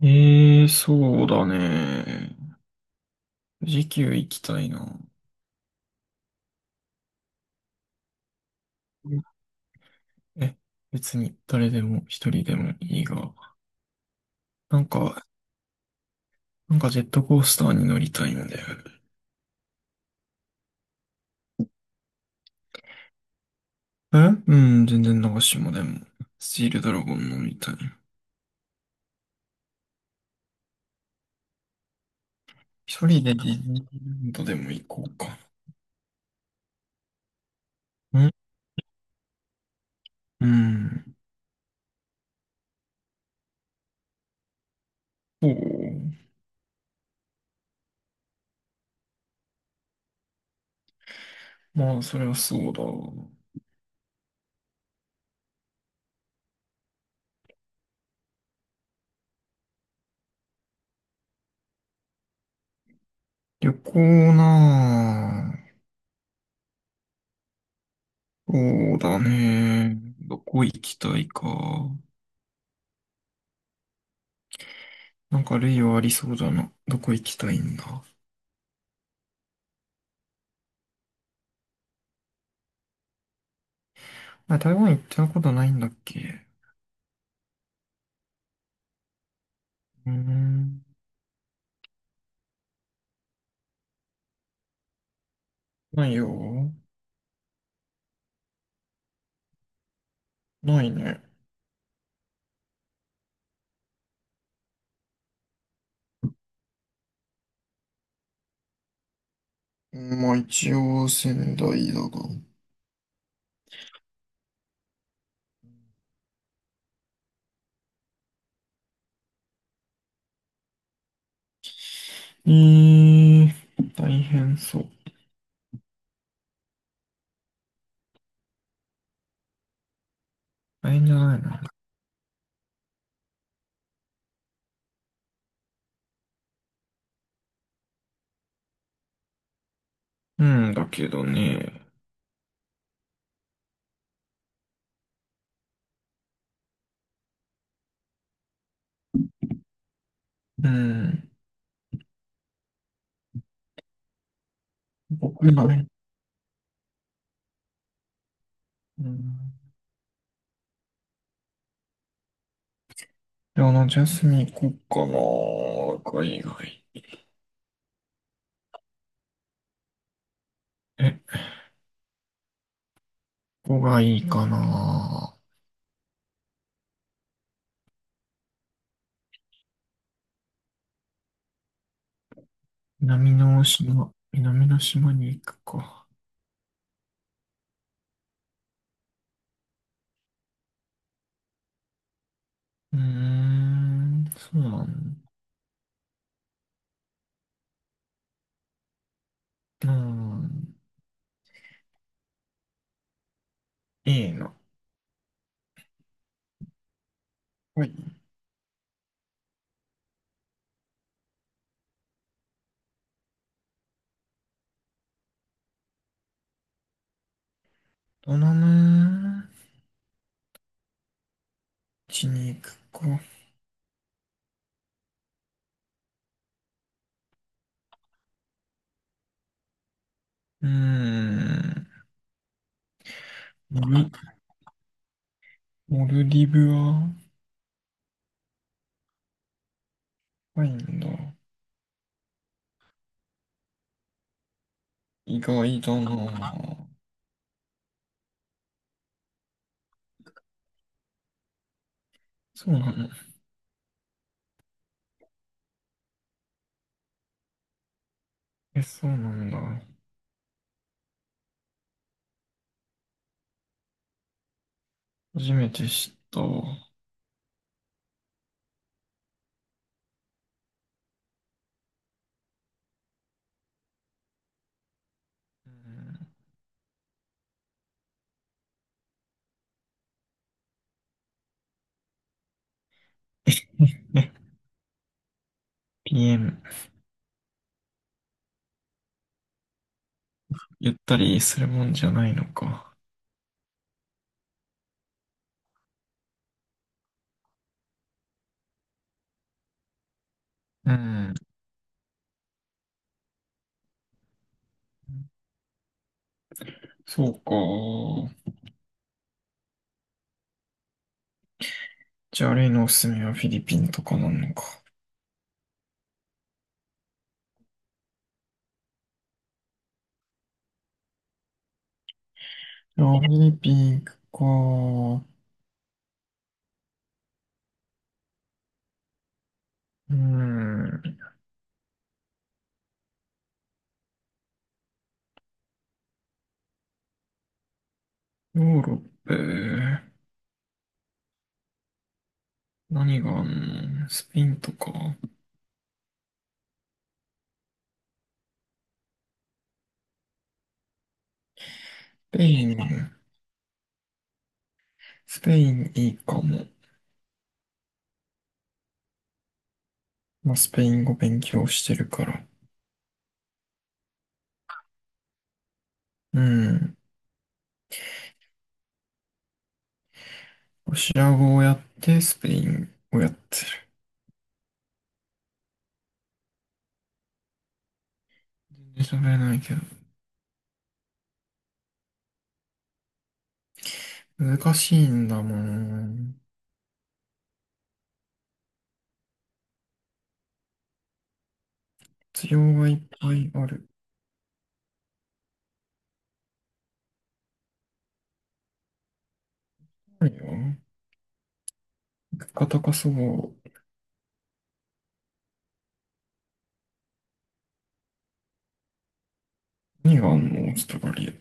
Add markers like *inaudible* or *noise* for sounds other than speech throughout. ええ、そうだね。富士急行きたいな。え、別に誰でも一人でもいいが。なんか、なんかジェットコースターに乗りたいんだよ。えうん、全然長島でも。スチールドラゴン乗りたい。一人でディズニーランドでも行こうか。うんうん。そう。まあ、それはそうだ。旅行なあ、そうだね。どこ行きたいか。なんか類はありそうだな。どこ行きたいんだ。あ、台湾行ったことないんだっけ？うーん。ないよ。ないね。まあ一応仙台だが。えー、大変そう。大変じゃないな。うんだけどね。うん。僕がね。うん。でもジャスミン行こっかな。海外。え、ここがいいかな。南の島、南の島に行くか。うーん、そうなんだ。うん、いいな。はい。どナなちに行くか。うーん、モル、モルディブは、高いんだ。意外だなぁ。そうなの。え、そうなんだ。初めて知ったわ。うん。 *laughs* PM、ピーエム、ゆったりするもんじゃないのか。うん、そうか。じゃあ、例のおすすめはフィリピンとかなのか。あ、フィリピンか。うん。ヨーロッパ、何があんの？スペインとか。スペイン、スペインいいかも。まあ、スペイン語勉強してるから。うん。ロシア語をやって、スペインをやってる。全然喋れないけど。難しいんだもん。必要がいっぱいある。ないよ。物価高そう。何があんの？オーストラリア。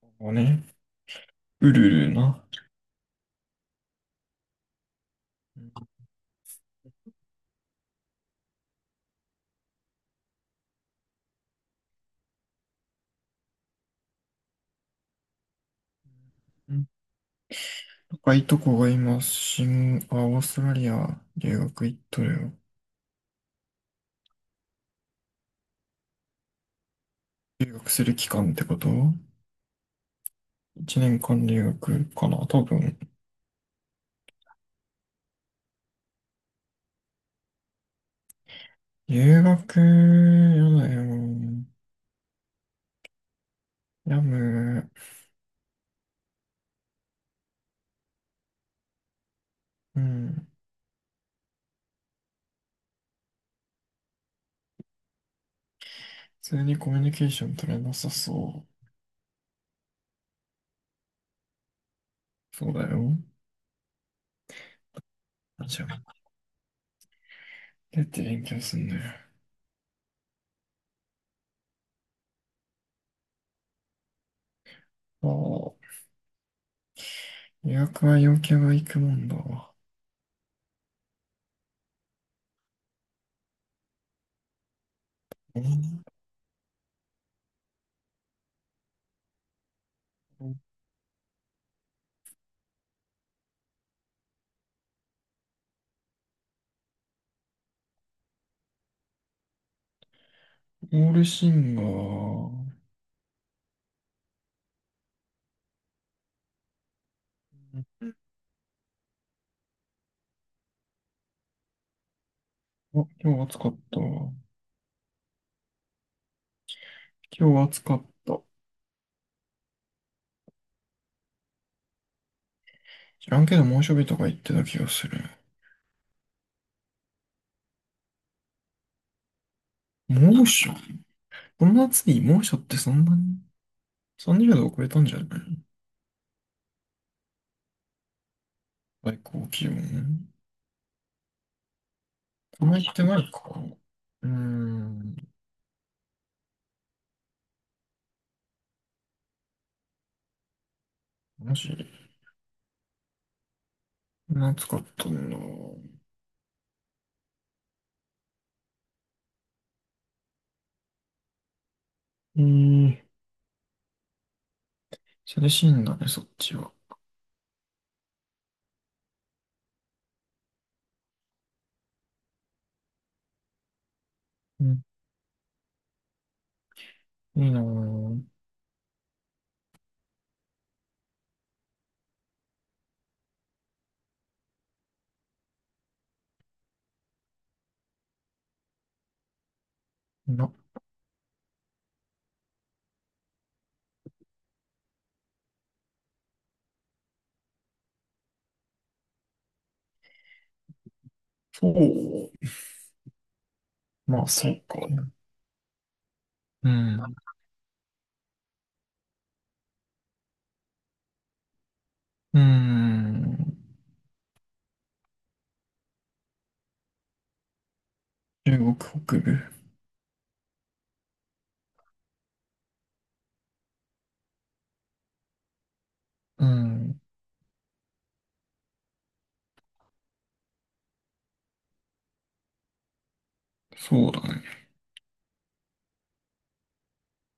ここね。ウルルな。若いとこが今、あ、オーストラリア留学行っとるよ。留学する期間ってこと？1年間留学かな多分。留学、やだよ。やむ。うん。普通にコミュニケーション取れなさそう。そうだよ。あ、じゃあ、どうやって勉強すんのよ。ああ、留学は陽キャが行くもんだわ。うん。オールシンガー。あ、今日暑かったわ。今日暑かった。知らんけど猛暑日とか言ってた気がする。猛暑、この夏に猛暑ってそんなに？ 30 度を超えたんじゃない？最高気温。この言ってないか。うーん。マジ暑かったんだ。えー、涼しいんだね、そっちは。うん、いいなぁ。な、そう。まあ、そうか。うん。うーん。中国北部。うん。そうだね。